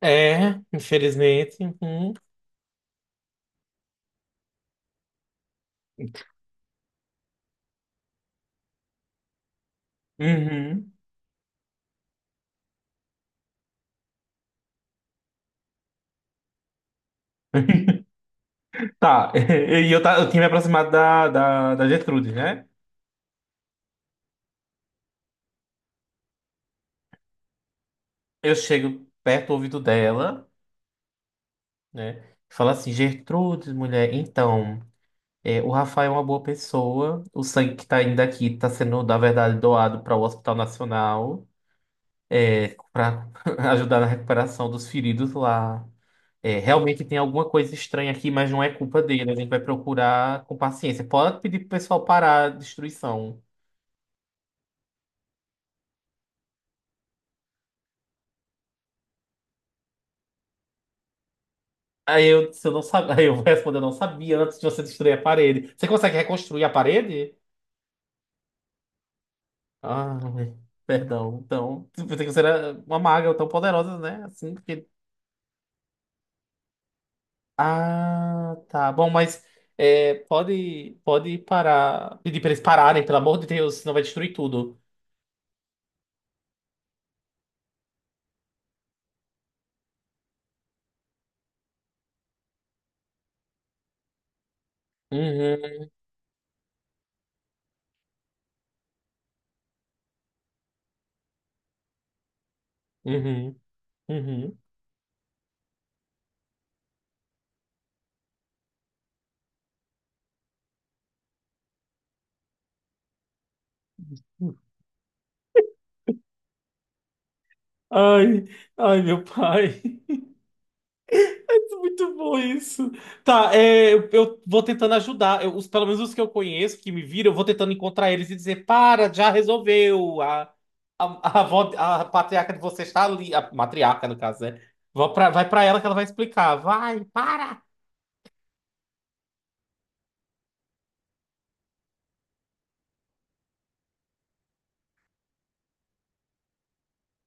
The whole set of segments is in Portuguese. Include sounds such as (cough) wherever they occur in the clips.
É, infelizmente. Uhum. Uhum. (laughs) Tá, (laughs) e eu, eu tinha me aproximado da Gertrude, né? Eu chego perto do ouvido dela, né? Falo assim, Gertrudes, mulher, então, o Rafael é uma boa pessoa, o sangue que tá indo aqui tá sendo, na verdade, doado para o Hospital Nacional, para (laughs) ajudar na recuperação dos feridos lá. É, realmente tem alguma coisa estranha aqui, mas não é culpa dele. A gente vai procurar com paciência. Pode pedir pro pessoal parar a destruição. Se eu não sabia, (laughs) aí eu vou responder, eu não sabia antes de você destruir a parede. Você consegue reconstruir a parede? Ah, perdão. Então, eu pensei que você era uma maga tão poderosa, né? Assim, porque... Ah, tá. Bom, mas pode parar. Pedir pra eles pararem, pelo amor de Deus, senão vai destruir tudo. Uhum, uhum, uhum. Ai, ai, meu pai. (laughs) Muito bom isso. Tá, eu vou tentando ajudar. Os, pelo menos os que eu conheço, que me viram, eu vou tentando encontrar eles e dizer: para, já resolveu. A patriarca de você está ali. A matriarca, no caso, né? Vai pra ela que ela vai explicar. Vai, para!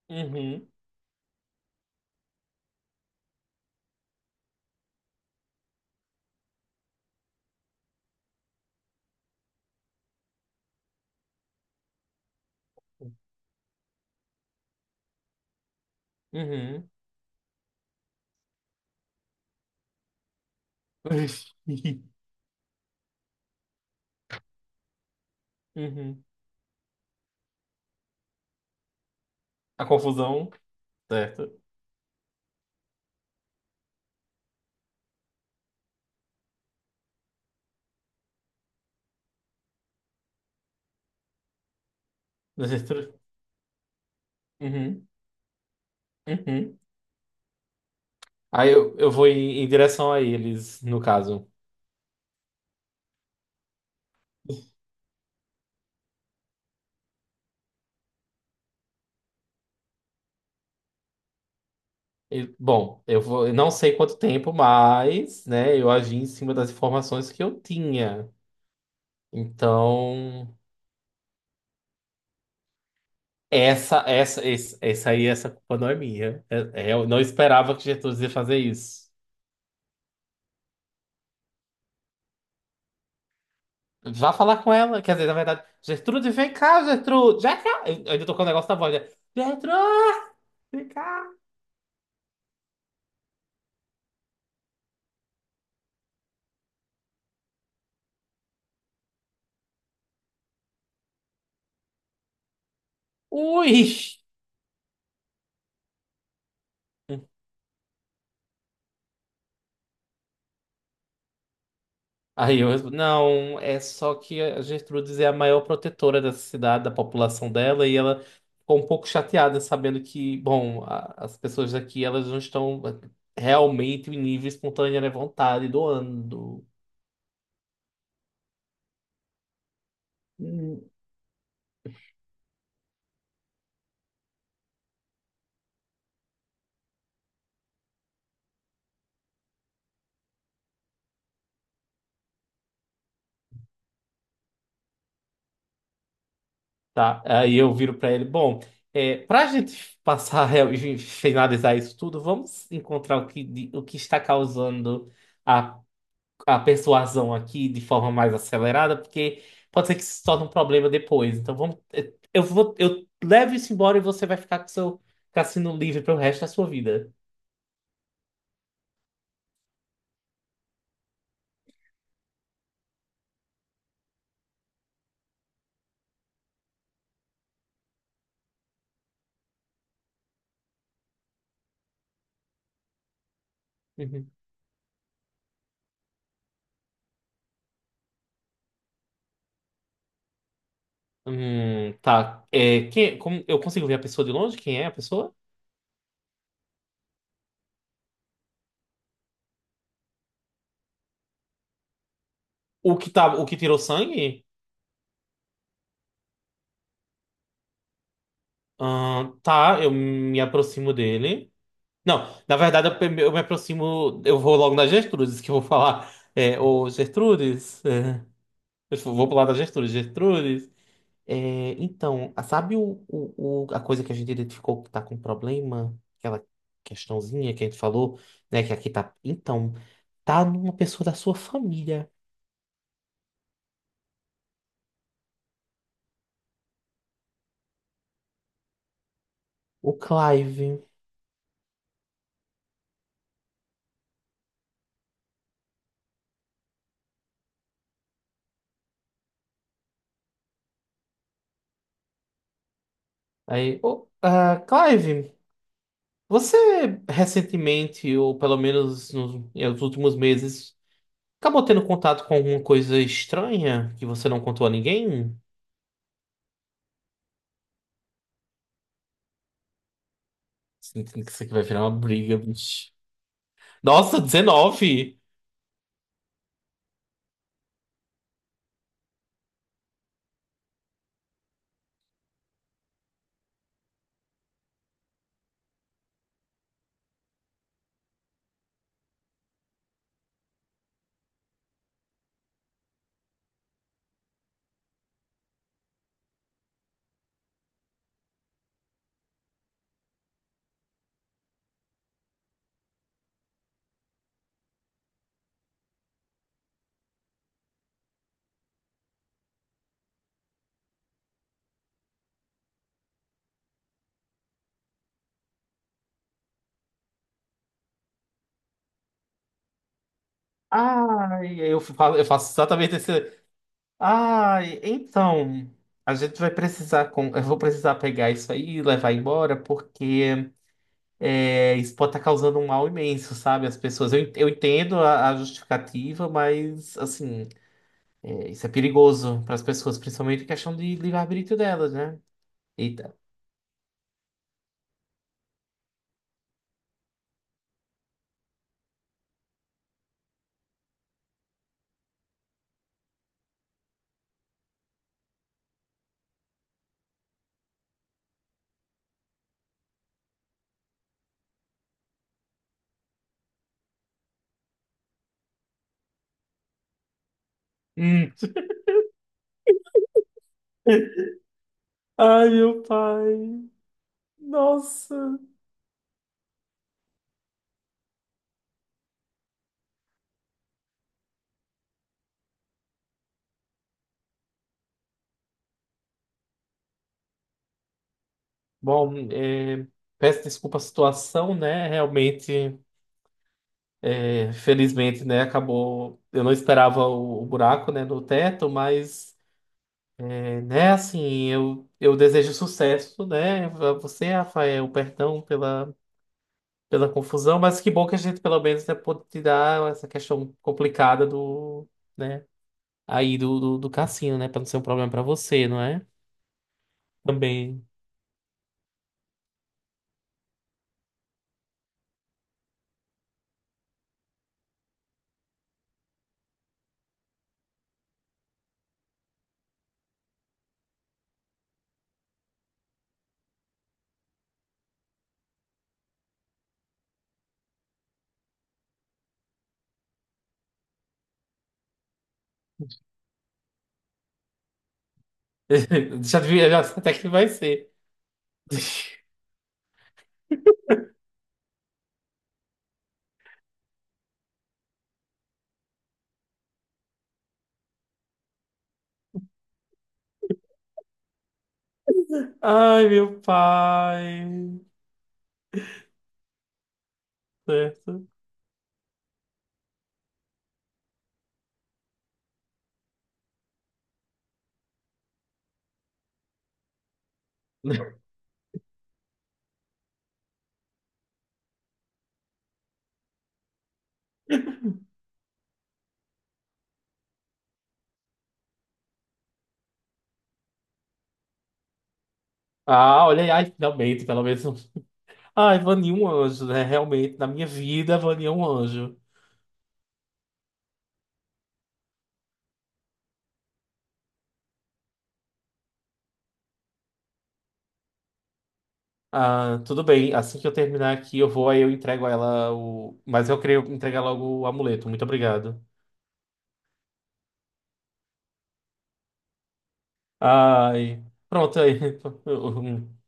Uhum, uhum. (laughs) Uhum. A confusão, certo? (laughs) Da gestura. Uhum, uhum. Aí eu vou em direção a eles, no caso. Bom, eu não sei quanto tempo, mas, né, eu agi em cima das informações que eu tinha. Então, essa, esse- essa aí, essa culpa não é minha. Eu não esperava que Gertrudes ia fazer isso. Vá falar com ela. Quer dizer, na verdade, Gertrude, vem cá, Gertrude. Já cá. Eu ainda tô com o negócio na voz, né? Gertrude, vem cá. Ui! Aí eu respondo, não, é só que a Gertrudes é a maior protetora dessa cidade, da população dela, e ela ficou um pouco chateada sabendo que, bom, as pessoas daqui, elas não estão realmente em nível espontâneo, né, vontade, doando, Hum, tá? Aí eu viro pra ele, bom, pra gente passar (laughs) e finalizar isso tudo, vamos encontrar o que, o que está causando a a persuasão aqui de forma mais acelerada, porque pode ser que isso se torne um problema depois. Então vamos, eu levo isso embora e você vai ficar com seu cassino livre pro resto da sua vida. Uhum. Tá. Quem, como, eu consigo ver a pessoa de longe? Quem é a pessoa? O que tirou sangue? Tá, eu me aproximo dele. Não, na verdade eu me aproximo, eu vou logo na Gertrudes que eu vou falar. Ô Gertrudes, eu vou pro lado da Gertrudes, Gertrudes. Então, sabe a coisa que a gente identificou que está com problema? Aquela questãozinha que a gente falou, né? Que aqui tá. Então, tá numa pessoa da sua família, o Clive. Aí, ô, ah, Clive, você recentemente, ou pelo menos nos últimos meses, acabou tendo contato com alguma coisa estranha que você não contou a ninguém? Sinto que isso aqui vai virar uma briga, bicho. Nossa, 19. Ai, eu faço exatamente esse. Ah, então, a gente vai precisar, com... eu vou precisar pegar isso aí e levar embora, porque isso pode estar causando um mal imenso, sabe? As pessoas, eu entendo a justificativa, mas, assim, isso é perigoso para as pessoas, principalmente em questão de livre-arbítrio delas, né? Eita. Hum. (laughs) Ai, meu pai. Nossa. Bom, peço desculpa a situação, né? Realmente. Infelizmente, né, acabou. Eu não esperava o buraco, né, no teto, mas, né, assim, eu desejo sucesso, né, a você, Rafael, perdão pela, pela confusão, mas que bom que a gente, pelo menos, né, pôde tirar essa questão complicada do, né, aí do, do cassino, né, para não ser um problema para você, não é? Também. (laughs) Já devia, já sei até que vai ser. (laughs) Ai, meu pai. Certo. (laughs) Ah, olha aí, ai, finalmente, pelo menos. Ai, Vani é um anjo, né? Realmente, na minha vida, Vani é um anjo. Ah, tudo bem, assim que eu terminar aqui, eu vou, aí eu entrego a ela o. Mas eu queria entregar logo o amuleto, muito obrigado. Ai, pronto, aí. (laughs)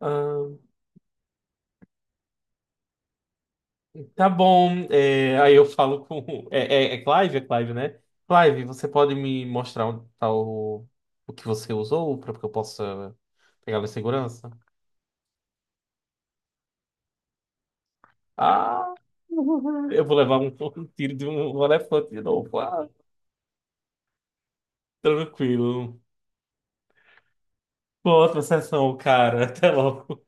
Ah, tá bom, aí eu falo com. É Clive? É Clive, né? Clive, você pode me mostrar onde tá o que você usou para que eu possa pegar ela em segurança? Ah! Eu vou levar um tiro de um elefante de novo. Ah, tranquilo. Boa outra sessão, cara. Até logo.